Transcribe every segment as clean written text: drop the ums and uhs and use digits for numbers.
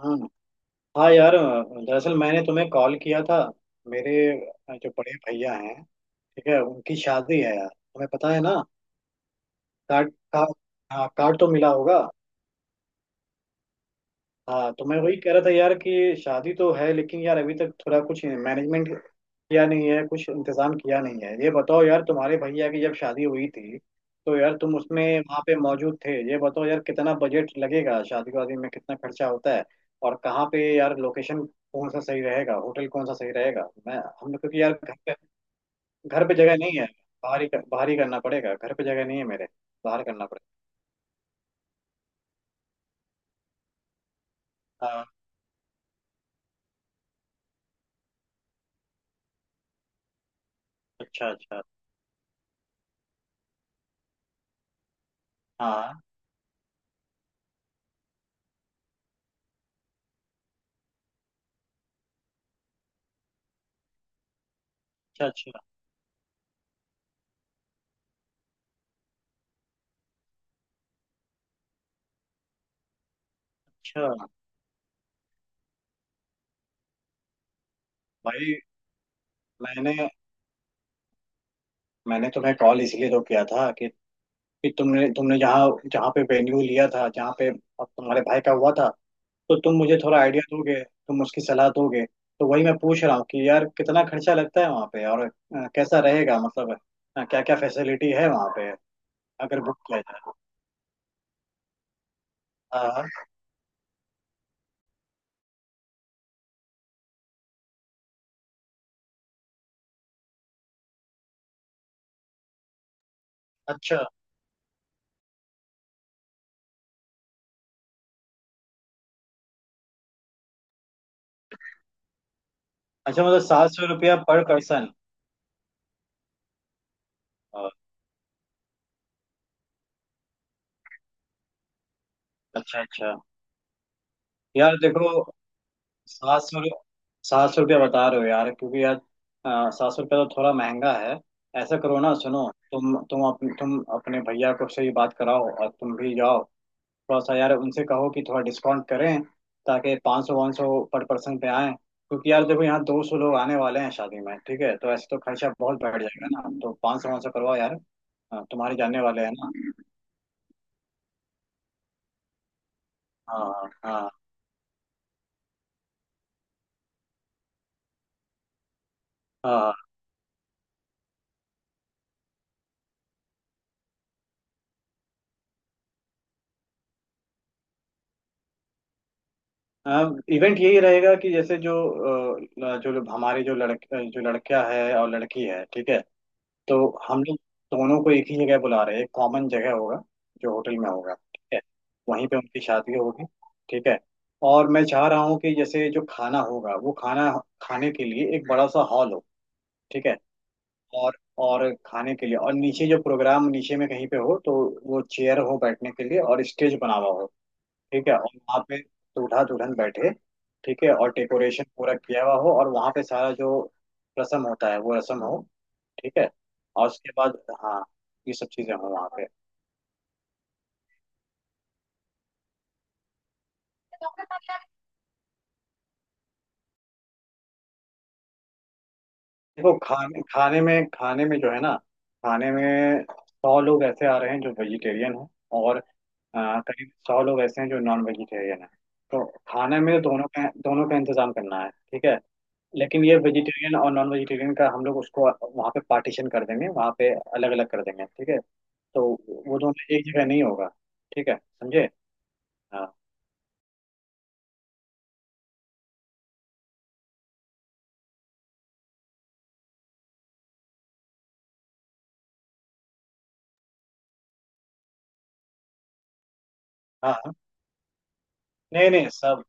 हाँ हाँ। यार दरअसल मैंने तुम्हें कॉल किया था। मेरे जो बड़े भैया हैं ठीक है उनकी शादी है यार तुम्हें पता है ना। कार्ड का हाँ कार्ड तो मिला होगा। हाँ तो मैं वही कह रहा था यार कि शादी तो है लेकिन यार अभी तक थोड़ा कुछ मैनेजमेंट किया नहीं है कुछ इंतजाम किया नहीं है। ये बताओ यार तुम्हारे भैया की जब शादी हुई थी तो यार तुम उसमें वहाँ पे मौजूद थे। ये बताओ यार कितना बजट लगेगा शादी वादी में कितना खर्चा होता है और कहाँ पे यार लोकेशन कौन सा सही रहेगा होटल कौन सा सही रहेगा। मैं हम लोग क्योंकि यार घर पे जगह नहीं है। बाहर ही करना पड़ेगा घर पे जगह नहीं है मेरे। बाहर करना पड़ेगा। हाँ अच्छा अच्छा। हाँ अच्छा अच्छा अच्छा। भाई मैंने मैंने तुम्हें कॉल इसलिए तो किया था कि तुमने तुमने जहाँ जहाँ पे वेन्यू लिया था जहाँ पे अब तुम्हारे भाई का हुआ था। तो तुम मुझे थोड़ा आइडिया दोगे तुम उसकी सलाह दोगे तो वही मैं पूछ रहा हूँ कि यार कितना खर्चा लगता है वहाँ पे और कैसा रहेगा मतलब क्या क्या फैसिलिटी है वहाँ पे अगर बुक किया जाए। हाँ हाँ। अच्छा अच्छा मतलब 700 रुपया पर पर्सन। अच्छा अच्छा। यार देखो सात सौ सात सौ रुपया बता रहे हो यार क्योंकि यार 700 रुपया तो थोड़ा महंगा है। ऐसा करो ना सुनो तुम अपने भैया को से ही बात कराओ और तुम भी जाओ। थोड़ा सा यार उनसे कहो कि थोड़ा डिस्काउंट करें ताकि 500 500 पर पर्सन पे आए क्योंकि यार देखो यहाँ 200 लोग आने वाले हैं शादी में ठीक है तो ऐसे तो खर्चा बहुत बढ़ जाएगा ना तो 500 500 करवाओ यार। हाँ, तुम्हारे जानने वाले हैं ना। हाँ हाँ हाँ। इवेंट यही रहेगा कि जैसे जो जो लोग- हमारे जो लड़के जो लड़का है और लड़की है ठीक है तो हम लोग दोनों को एक ही जगह बुला रहे हैं एक कॉमन जगह होगा जो होटल में होगा ठीक है वहीं पे उनकी शादी होगी। ठीक है। और मैं चाह रहा हूँ कि जैसे जो खाना होगा वो खाना खाने के लिए एक बड़ा सा हॉल हो। ठीक है। और और खाने के लिए और नीचे जो प्रोग्राम नीचे में कहीं पे हो तो वो चेयर हो बैठने के लिए और स्टेज बना हुआ हो। ठीक है और वहाँ पे दूल्हा दुल्हन बैठे। ठीक है और डेकोरेशन पूरा किया हुआ हो और वहाँ पे सारा जो रस्म होता है वो रस्म हो। ठीक है। और उसके बाद हाँ ये सब चीजें हो वहाँ पे। देखो खाने खाने में जो है ना खाने में 100 लोग ऐसे आ रहे हैं जो वेजिटेरियन हैं। और करीब 100 लोग ऐसे हैं जो नॉन वेजिटेरियन हैं। तो खाने में दोनों का इंतजाम करना है ठीक है। लेकिन ये वेजिटेरियन और नॉन वेजिटेरियन का हम लोग उसको वहाँ पे पार्टीशन कर देंगे वहाँ पे अलग अलग कर देंगे ठीक है। तो वो दोनों एक जगह नहीं होगा। ठीक है समझे। हाँ हाँ हाँ। नहीं नहीं सब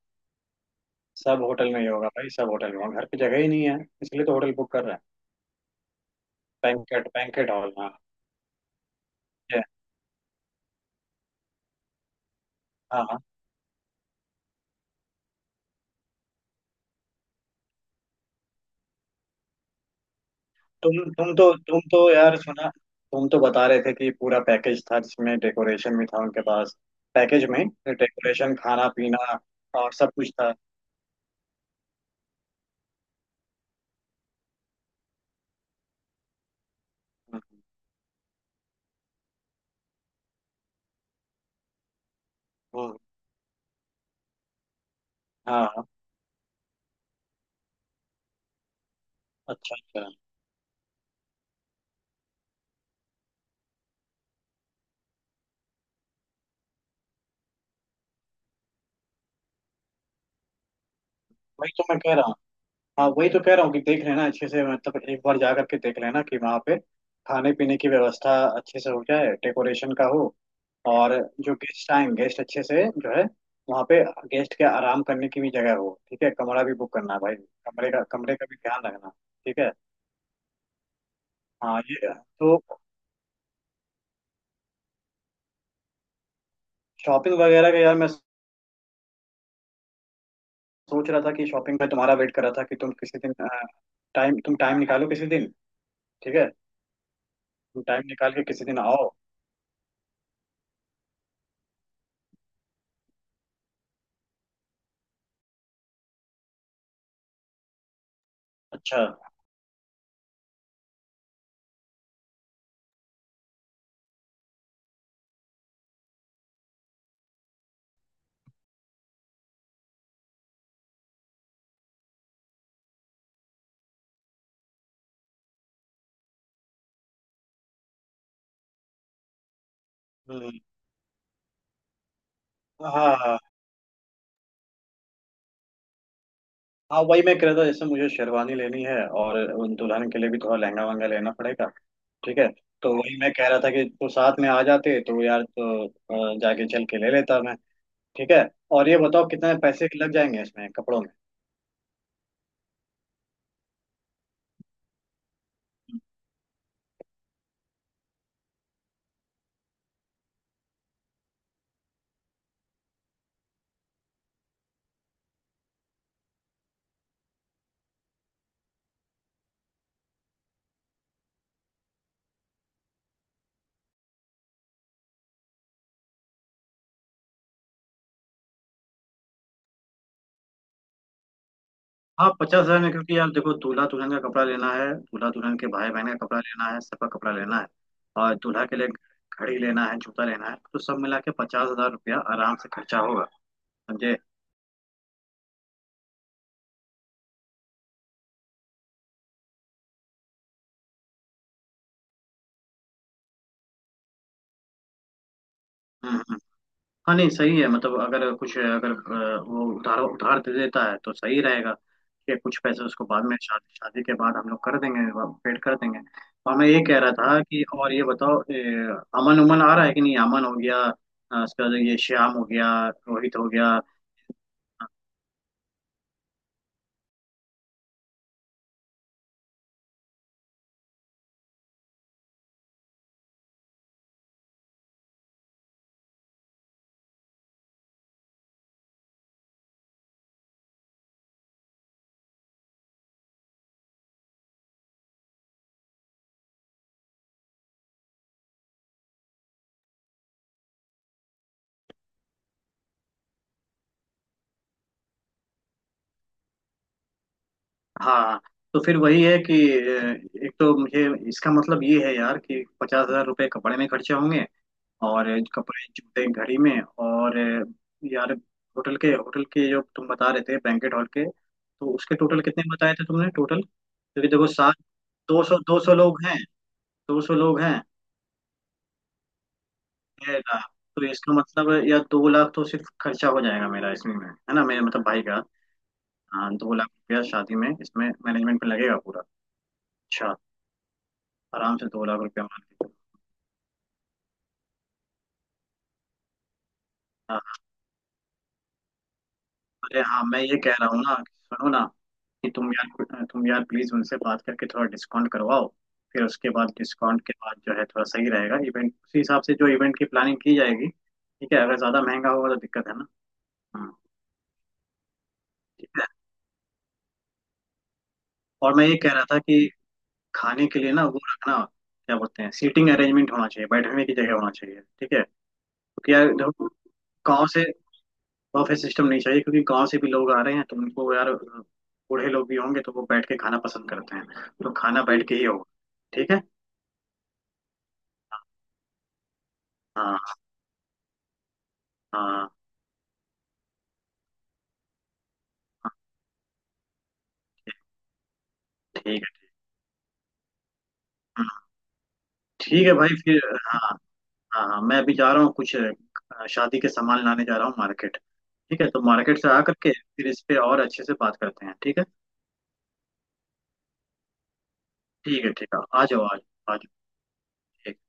सब होटल में ही होगा भाई सब होटल में होगा घर पे जगह ही नहीं है। इसलिए तो होटल बुक कर रहे हैं। बैंकेट बैंकेट हॉल हाँ। ठीक है। हाँ हाँ तुम तो यार सुना तुम तो बता रहे थे कि पूरा पैकेज था जिसमें डेकोरेशन भी था उनके पास। पैकेज में डेकोरेशन खाना पीना और सब कुछ था। हम्म, हम्म, हाँ हाँ। अच्छा अच्छा वही तो मैं कह रहा हाँ वही तो कह रहा हूँ कि देख लेना अच्छे से मतलब एक बार जा करके देख लेना कि वहाँ पे खाने पीने की व्यवस्था अच्छे से हो जाए डेकोरेशन का हो। और जो गेस्ट आए गेस्ट अच्छे से जो है वहाँ पे गेस्ट के आराम करने की भी जगह हो ठीक है। कमरा भी बुक करना भाई कमरे का भी ध्यान रखना। ठीक है। हाँ ये तो शॉपिंग वगैरह का यार मैं सोच रहा था कि शॉपिंग में तुम्हारा वेट कर रहा था कि तुम किसी दिन टाइम निकालो किसी दिन ठीक है। तुम टाइम निकाल के किसी दिन आओ। अच्छा हम्म। हाँ हाँ वही मैं कह रहा था जैसे मुझे शेरवानी लेनी है और उन दुल्हन के लिए भी थोड़ा लहंगा वहंगा लेना पड़ेगा। ठीक है। तो वही मैं कह रहा था कि तो साथ में आ जाते तो यार तो जाके चल के ले लेता मैं। ठीक है। और ये बताओ कितने पैसे लग जाएंगे इसमें कपड़ों में। हाँ 50,000 में क्योंकि यार देखो दूल्हा दुल्हन का कपड़ा लेना है दूल्हा दुल्हन के भाई बहन का कपड़ा लेना है सबका कपड़ा लेना है। और दूल्हा के लिए घड़ी लेना है जूता लेना है तो सब मिला के 50,000 रुपया आराम से खर्चा होगा। समझे। हम्म हाँ नहीं सही है मतलब अगर कुछ अगर वो उधार उधार दे देता है तो सही रहेगा कि कुछ पैसे उसको बाद में शादी शादी के बाद हम लोग कर देंगे। पेड कर देंगे। और मैं ये कह रहा था कि और ये बताओ अमन उमन आ रहा है कि नहीं। अमन हो गया उसके बाद ये श्याम हो गया रोहित हो गया। हाँ तो फिर वही है कि एक तो मुझे इसका मतलब ये है यार कि 50,000 रुपये कपड़े में खर्चे होंगे। और कपड़े जूते घड़ी में और यार होटल के जो तुम बता रहे थे बैंकेट हॉल के तो उसके टोटल कितने बताए थे तुमने टोटल क्योंकि देखो सात दो सौ लोग हैं 200 लोग हैं। 1,50,000। तो इसका मतलब है या 2,00,000 तो सिर्फ खर्चा हो जाएगा मेरा इसमें में है ना मेरे मतलब भाई का। हाँ 2,00,000 रुपया शादी में इसमें मैनेजमेंट में लगेगा पूरा। अच्छा आराम से 2,00,000 रुपया मान। हाँ, अरे हाँ मैं ये कह रहा हूँ ना कि सुनो ना कि तुम यार प्लीज उनसे बात करके थोड़ा डिस्काउंट करवाओ। फिर उसके बाद डिस्काउंट के बाद जो है थोड़ा सही रहेगा इवेंट उसी हिसाब से जो इवेंट की प्लानिंग की जाएगी ठीक है अगर ज्यादा महंगा होगा तो दिक्कत है ना। हाँ ठीक है। और मैं ये कह रहा था कि खाने के लिए ना वो रखना क्या बोलते हैं सीटिंग अरेंजमेंट होना चाहिए बैठने की जगह होना चाहिए ठीक है। क्योंकि यार देखो, गाँव से बफे सिस्टम नहीं चाहिए क्योंकि गांव से भी लोग आ रहे हैं तो उनको यार बूढ़े लोग भी होंगे तो वो बैठ के खाना पसंद करते हैं। तो खाना बैठ के ही होगा। ठीक है। हाँ हाँ ठीक है। हाँ, ठीक है भाई फिर। हाँ हाँ हाँ मैं अभी जा रहा हूँ कुछ शादी के सामान लाने जा रहा हूँ मार्केट। ठीक है तो मार्केट से आ करके फिर इस पे और अच्छे से बात करते हैं ठीक है। ठीक है ठीक है आ जाओ आ जाओ आ जाओ। ठीक ठीक।